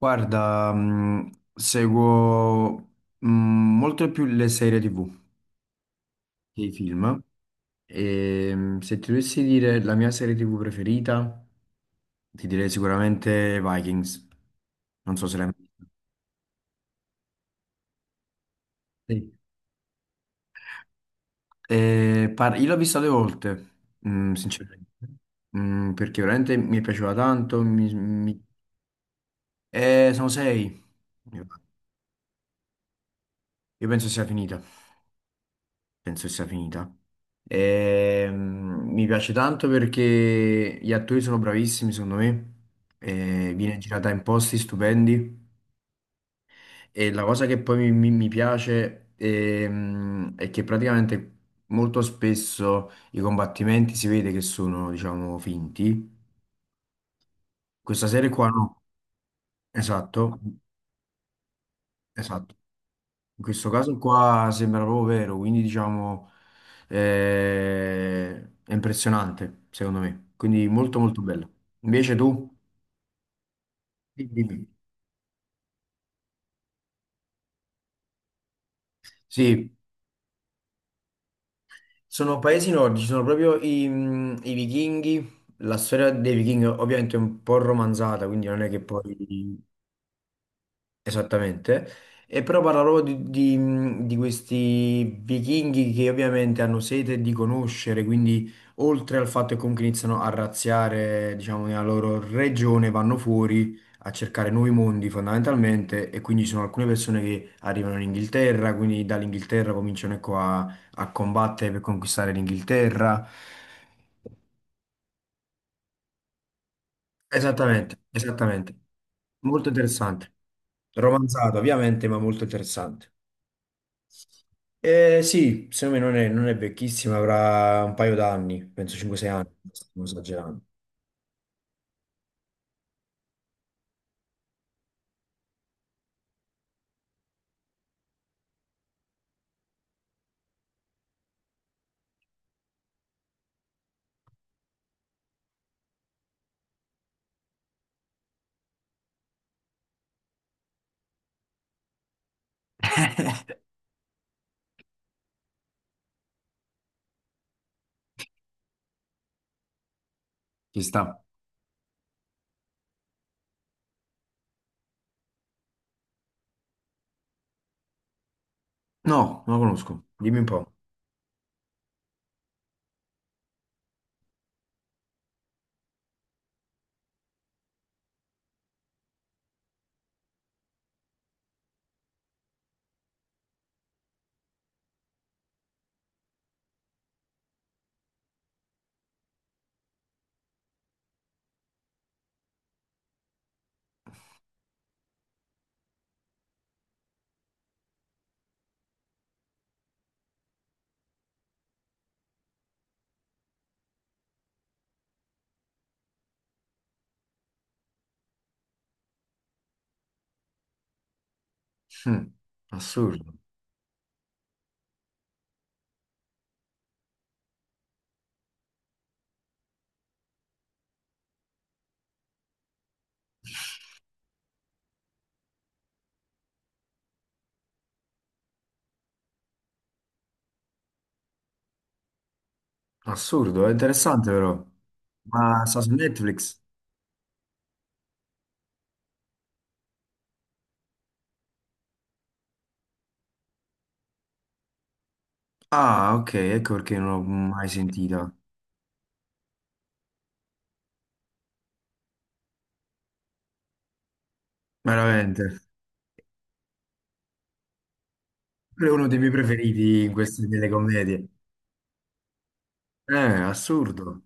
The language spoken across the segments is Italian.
Guarda, seguo molto più le serie TV che i film. E se ti dovessi dire la mia serie TV preferita, ti direi sicuramente Vikings. Non so se l'hai mai vista. Sì. Io l'ho vista due volte, sinceramente. Perché veramente mi è piaciuta tanto. Eh, sono sei. Io penso sia finita. Penso sia finita. Mi piace tanto perché gli attori sono bravissimi, secondo me. E viene girata in posti stupendi. E la cosa che poi mi piace è che praticamente molto spesso i combattimenti si vede che sono, diciamo, finti. Questa serie qua no. Esatto, esatto. In questo caso qua sembra proprio vero, quindi diciamo eh, è impressionante secondo me, quindi molto molto bello. Invece tu? Sì, dimmi. Sì, sono paesi nordici, sono proprio i vichinghi, la storia dei vichinghi ovviamente è un po' romanzata, quindi non è che poi esattamente. E però parlavo di questi vichinghi che ovviamente hanno sete di conoscere, quindi oltre al fatto che comunque iniziano a razziare, diciamo, nella loro regione, vanno fuori a cercare nuovi mondi fondamentalmente, e quindi ci sono alcune persone che arrivano in Inghilterra, quindi dall'Inghilterra cominciano ecco, a, a combattere per conquistare l'Inghilterra. Esattamente, esattamente, molto interessante, romanzato ovviamente, ma molto interessante. Sì, secondo me non è vecchissima, avrà un paio d'anni, penso 5-6 anni, non esagerando. Ci sta. No, non la conosco. Dimmi un po'. Mm, assurdo. Assurdo, è interessante però. Ma sta su Netflix? Ah, ok, ecco perché non l'ho mai sentita. Veramente. Quello è uno dei miei preferiti in queste delle commedie. Eh, assurdo.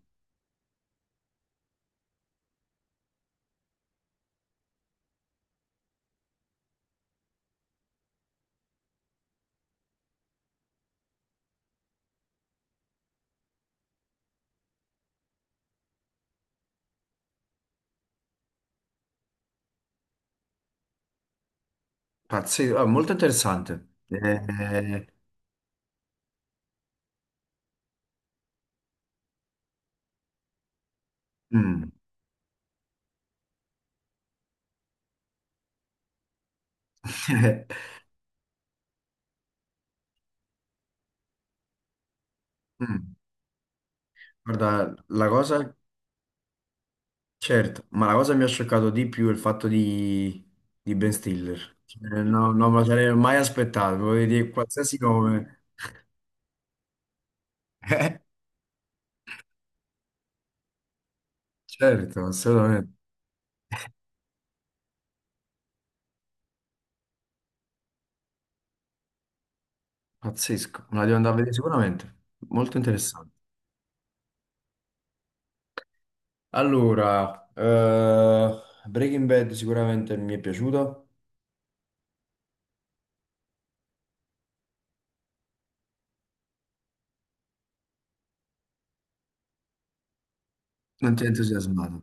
Pazzesco. Ah, molto interessante. Mm. Mm. Guarda, la cosa. Certo, ma la cosa che mi ha scioccato di più è il fatto di Ben Stiller. Non me lo sarei mai aspettato, volevo dire qualsiasi nome. Eh? Certo, assolutamente. Pazzesco, me la devo andare a vedere sicuramente. Molto interessante. Allora, Breaking Bad sicuramente mi è piaciuta. Non ti ho entusiasmato.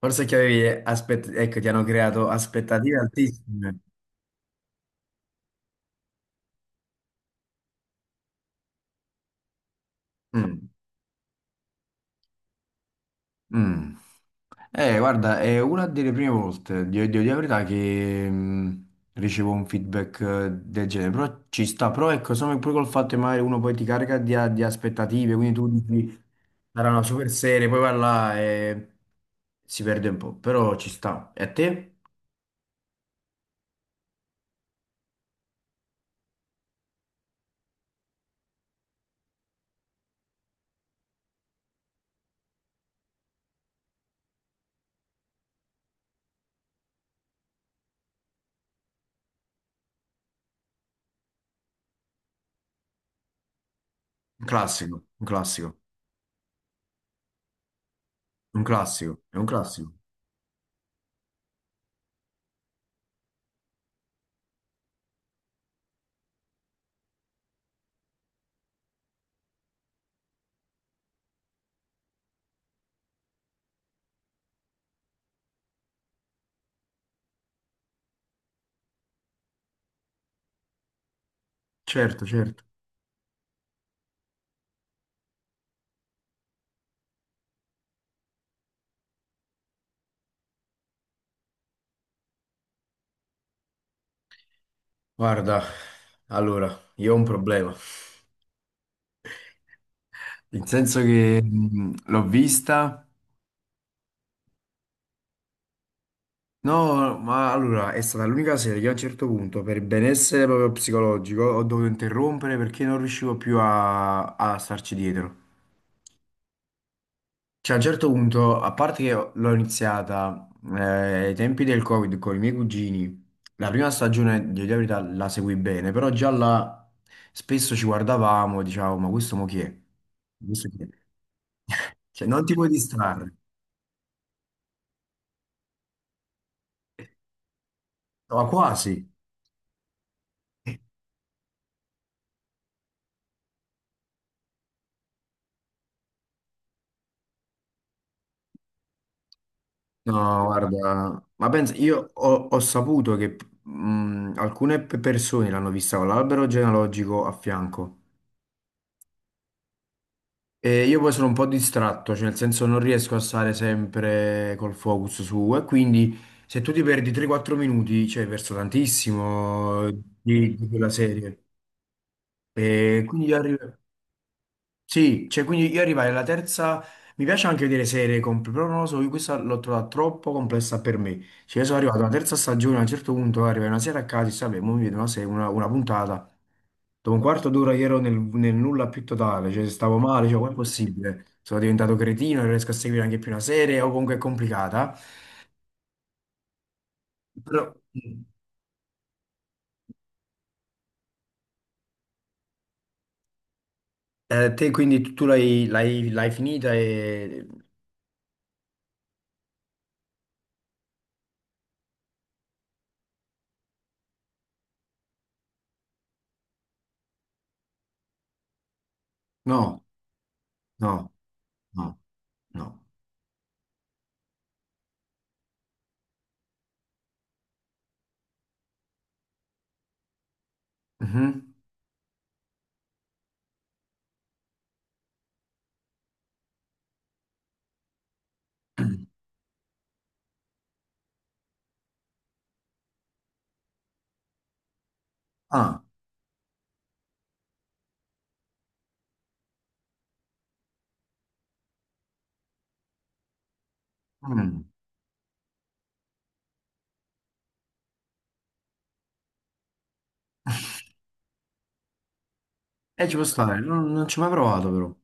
Forse è che avevi aspett- Ecco, ti hanno creato aspettative altissime. Mm. Mm. Guarda, è una delle prime volte, devo dire la verità, che ricevo un feedback del genere, però ci sta, però ecco, secondo me pure col fatto che magari uno poi ti carica di aspettative, quindi tu dici, sarà una super serie, poi va là e si perde un po', però ci sta. E a te? Un classico, un classico, un classico, è un classico. Certo, certo. Guarda, allora, io ho un problema, nel senso che l'ho vista. No, ma allora è stata l'unica serie che a un certo punto, per benessere proprio psicologico, ho dovuto interrompere perché non riuscivo più a starci dietro. Cioè, a un certo punto, a parte che l'ho iniziata eh, ai tempi del Covid con i miei cugini, la prima stagione di dire la verità la seguì bene, però già là spesso ci guardavamo e dicevamo, ma questo mo chi è? Questo chi è? Cioè, non ti puoi distrarre, ma quasi. No, guarda, ma pensa, io ho, ho saputo che alcune persone l'hanno vista con l'albero genealogico a fianco, e io poi sono un po' distratto, cioè nel senso non riesco a stare sempre col focus su, e quindi se tu ti perdi 3-4 minuti, cioè hai perso tantissimo di quella serie. E quindi arrivi. Sì, cioè quindi io arrivai alla terza, mi piace anche vedere serie complesse, però non lo so, io questa l'ho trovata troppo complessa per me. Cioè io sono arrivato alla terza stagione, a un certo punto arrivai una sera a casa e dici, vabbè, mo mi vedo una puntata. Dopo un quarto d'ora io ero nel, nel nulla più totale, cioè stavo male, cioè com'è possibile? Sono diventato cretino, non riesco a seguire anche più una serie, o comunque è complicata. Però te quindi l'hai finita e... No, no, no, no. Mhm. Ah, mm. Ci può stare, non ci ho mai provato però.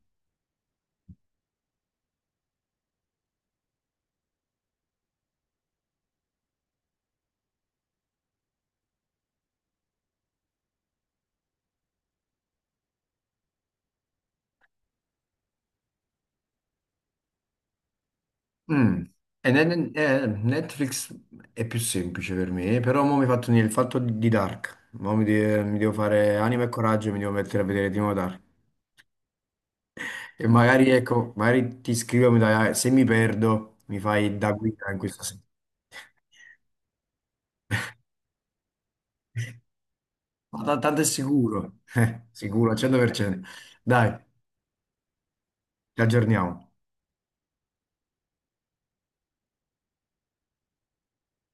Mm. E Netflix è più semplice per me, però mo mi hai fatto venire il fatto di Dark. Mo mi devo fare anima e coraggio e mi devo mettere a vedere di nuovo Dark. E magari, ecco, magari ti scrivo, se mi perdo, mi fai da guida in questa sera. Ma tanto è sicuro. Sicuro al 100%. Dai, ci aggiorniamo.